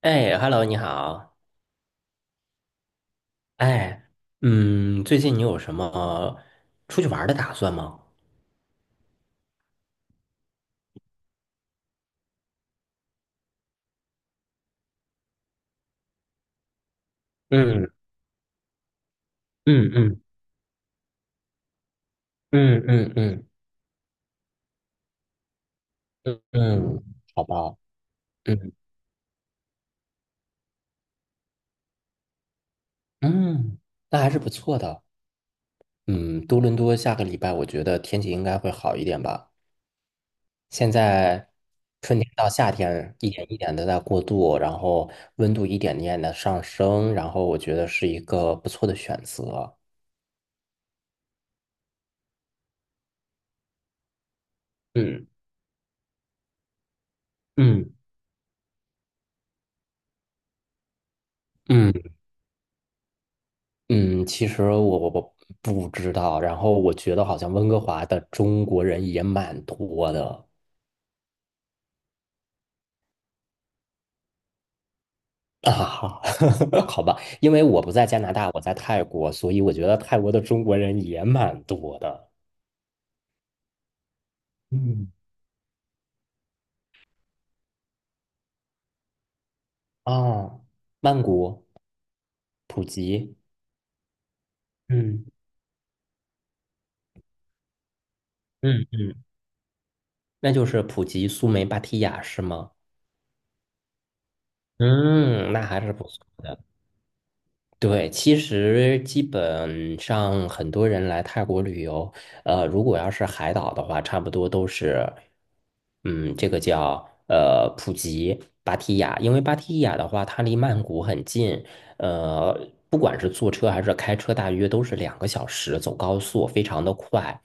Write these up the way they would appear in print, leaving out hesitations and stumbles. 哎，Hello，你好。哎，最近你有什么出去玩儿的打算吗？嗯嗯嗯嗯嗯嗯嗯。嗯。好吧。嗯嗯。那还是不错的。嗯，多伦多下个礼拜我觉得天气应该会好一点吧。现在春天到夏天一点一点的在过渡，然后温度一点点的上升，然后我觉得是一个不错的选择。嗯嗯嗯。嗯，其实我不知道，然后我觉得好像温哥华的中国人也蛮多的。啊，好吧，因为我不在加拿大，我在泰国，所以我觉得泰国的中国人也蛮多的。嗯。啊，曼谷、普吉。嗯嗯嗯，那就是普吉、苏梅、芭提雅是吗？嗯，那还是不错的。对，其实基本上很多人来泰国旅游。如果要是海岛的话，差不多都是，嗯，这个叫普吉、芭提雅，因为芭提雅的话，它离曼谷很近。呃，不管是坐车还是开车，大约都是2个小时，走高速非常的快。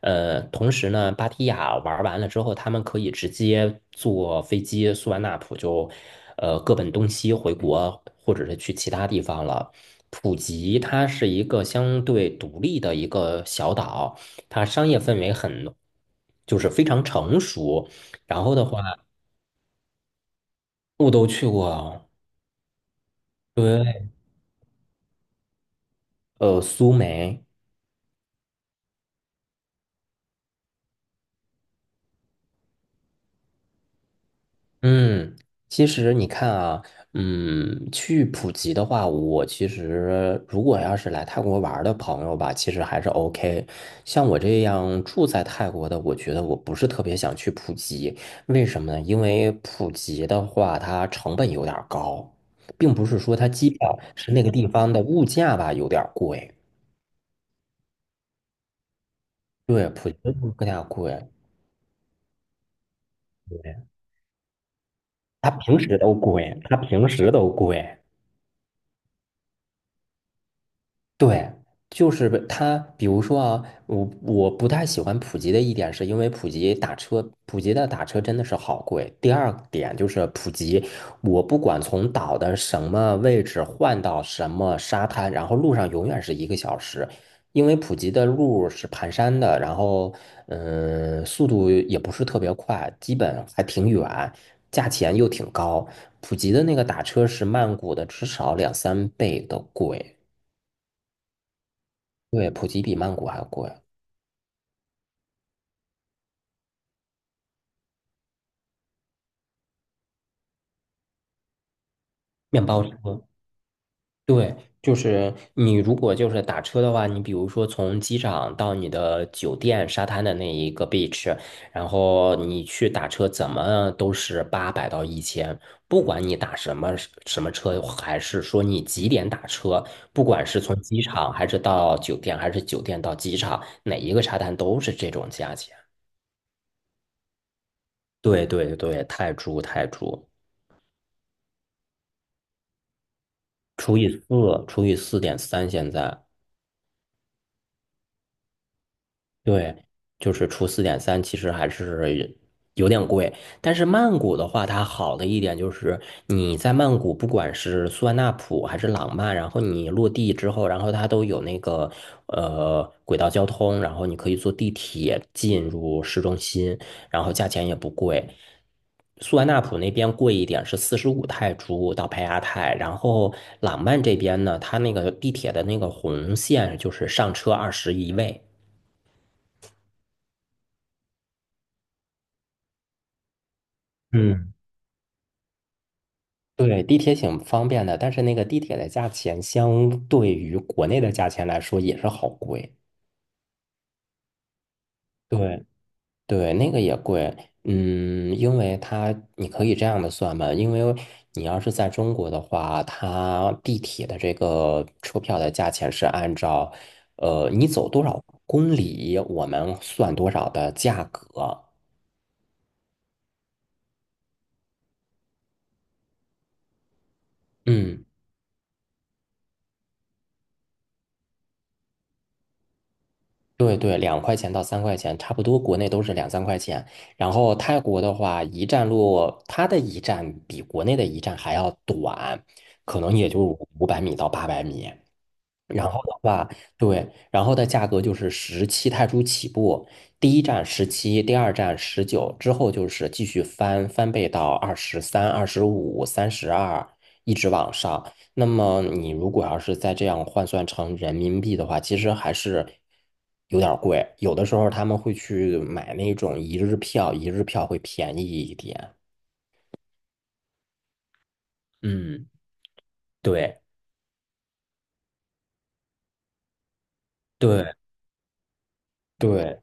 同时呢，芭提雅玩完了之后，他们可以直接坐飞机苏万纳普就，各奔东西回国，或者是去其他地方了。普吉它是一个相对独立的一个小岛，它商业氛围很，就是非常成熟。然后的话，我都去过。对。苏梅。嗯，其实你看啊，去普吉的话，我其实如果要是来泰国玩儿的朋友吧，其实还是 OK。像我这样住在泰国的，我觉得我不是特别想去普吉。为什么呢？因为普吉的话，它成本有点儿高，并不是说它机票，是那个地方的物价吧有点儿贵。对，普吉的物价贵。对，它平时都贵，它平时都贵。对，就是被它，比如说啊，我不太喜欢普及的一点，是因为普及打车，普及的打车真的是好贵。第二点就是普及，我不管从岛的什么位置换到什么沙滩，然后路上永远是1个小时，因为普及的路是盘山的，然后速度也不是特别快，基本还挺远，价钱又挺高。普及的那个打车是曼谷的至少两三倍的贵。对，普吉比曼谷还贵。面包车。对，就是你如果就是打车的话，你比如说从机场到你的酒店沙滩的那一个 beach，然后你去打车，怎么都是800到1000，不管你打什么车，还是说你几点打车，不管是从机场还是到酒店，还是酒店到机场，哪一个沙滩都是这种价钱。对对对，泰铢泰铢。除以四除以四点三，现在。对，就是除四点三，其实还是有点贵。但是曼谷的话，它好的一点就是你在曼谷，不管是苏万那普还是朗曼，然后你落地之后，然后它都有那个轨道交通，然后你可以坐地铁进入市中心，然后价钱也不贵。苏万那普那边贵一点，是45泰铢到帕亚泰。然后朗曼这边呢，它那个地铁的那个红线就是上车21位。对，地铁挺方便的，但是那个地铁的价钱相对于国内的价钱来说也是好贵。对对，那个也贵。嗯，因为它你可以这样的算嘛，因为你要是在中国的话，它地铁的这个车票的价钱是按照你走多少公里，我们算多少的价格。嗯。对对，2块钱到3块钱，差不多国内都是两三块钱。然后泰国的话，一站路它的一站比国内的一站还要短，可能也就500米到800米。然后的话，对，然后的价格就是17泰铢起步，第一站十七，第二站19，之后就是继续翻倍到23、25、32，一直往上。那么你如果要是再这样换算成人民币的话，其实还是有点儿贵。有的时候他们会去买那种一日票，一日票会便宜一点。嗯，对对对。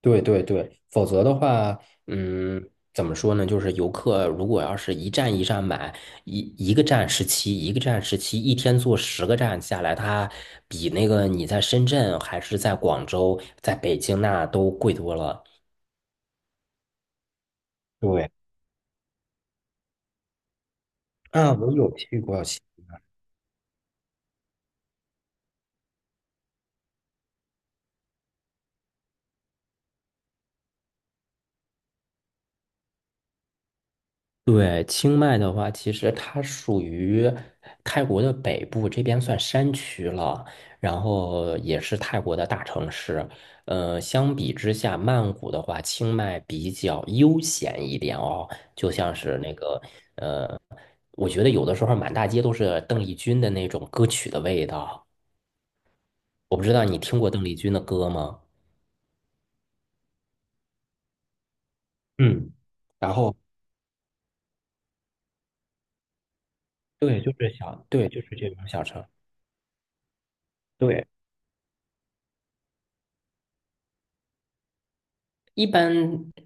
对对对，否则的话，嗯，怎么说呢？就是游客如果要是一站一站买，一一个站十七，一个站十七，一天坐10个站下来，它比那个你在深圳还是在广州、在北京那都贵多了。对。啊，我有去过。对，清迈的话，其实它属于泰国的北部，这边算山区了，然后也是泰国的大城市。相比之下，曼谷的话，清迈比较悠闲一点哦，就像是那个呃，我觉得有的时候满大街都是邓丽君的那种歌曲的味道。我不知道你听过邓丽君的歌吗？嗯，然后对，就是小，对，就是这种小城。对。一般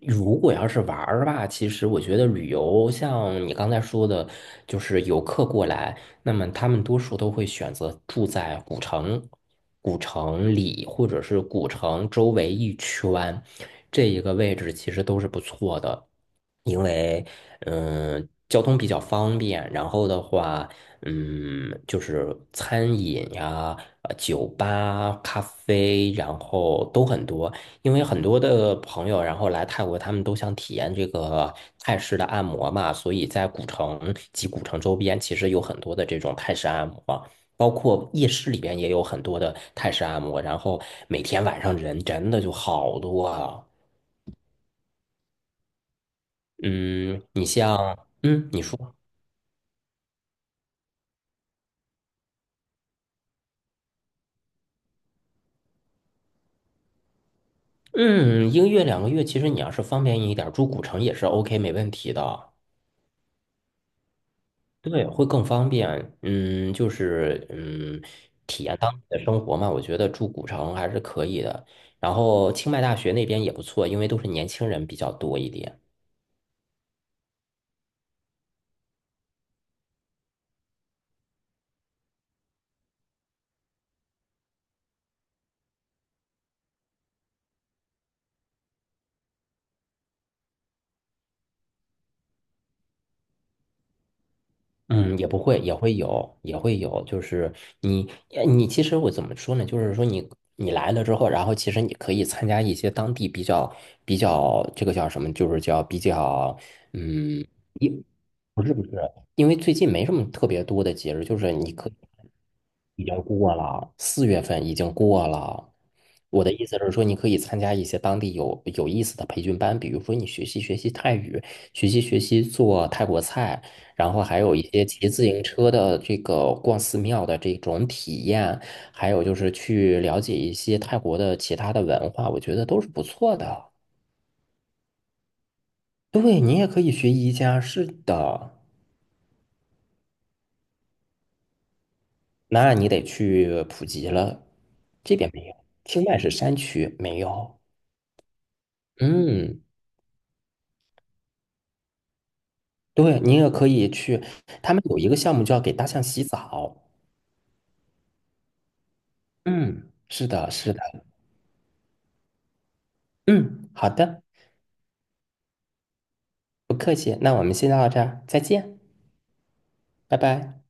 如果要是玩儿吧，其实我觉得旅游像你刚才说的，就是游客过来，那么他们多数都会选择住在古城、古城里或者是古城周围一圈，这一个位置其实都是不错的，因为交通比较方便，然后的话。嗯，就是餐饮呀、酒吧、咖啡，然后都很多。因为很多的朋友，然后来泰国，他们都想体验这个泰式的按摩嘛，所以在古城及古城周边，其实有很多的这种泰式按摩，包括夜市里边也有很多的泰式按摩。然后每天晚上人真的就好多啊。嗯，你像，嗯，你说，嗯，一个月两个月，其实你要是方便一点儿，住古城也是 OK，没问题的。对，会更方便。嗯，就是嗯，体验当地的生活嘛，我觉得住古城还是可以的。然后清迈大学那边也不错，因为都是年轻人比较多一点。嗯，也不会，也会有，也会有。就是你，你其实我怎么说呢？就是说你，你来了之后，然后其实你可以参加一些当地比较这个叫什么？就是叫比较。嗯，因不是不是，因为最近没什么特别多的节日，就是你可已经过了，4月份已经过了。我的意思是说，你可以参加一些当地有意思的培训班，比如说你学习学习泰语，学习学习做泰国菜。然后还有一些骑自行车的这个逛寺庙的这种体验，还有就是去了解一些泰国的其他的文化，我觉得都是不错的。对，你也可以学瑜伽，是的。那你得去普及了，这边没有，清迈是山区，没有。嗯，对，你也可以去，他们有一个项目叫给大象洗澡。嗯，是的，是的。嗯，好的。不客气，那我们先到这儿，再见，拜拜。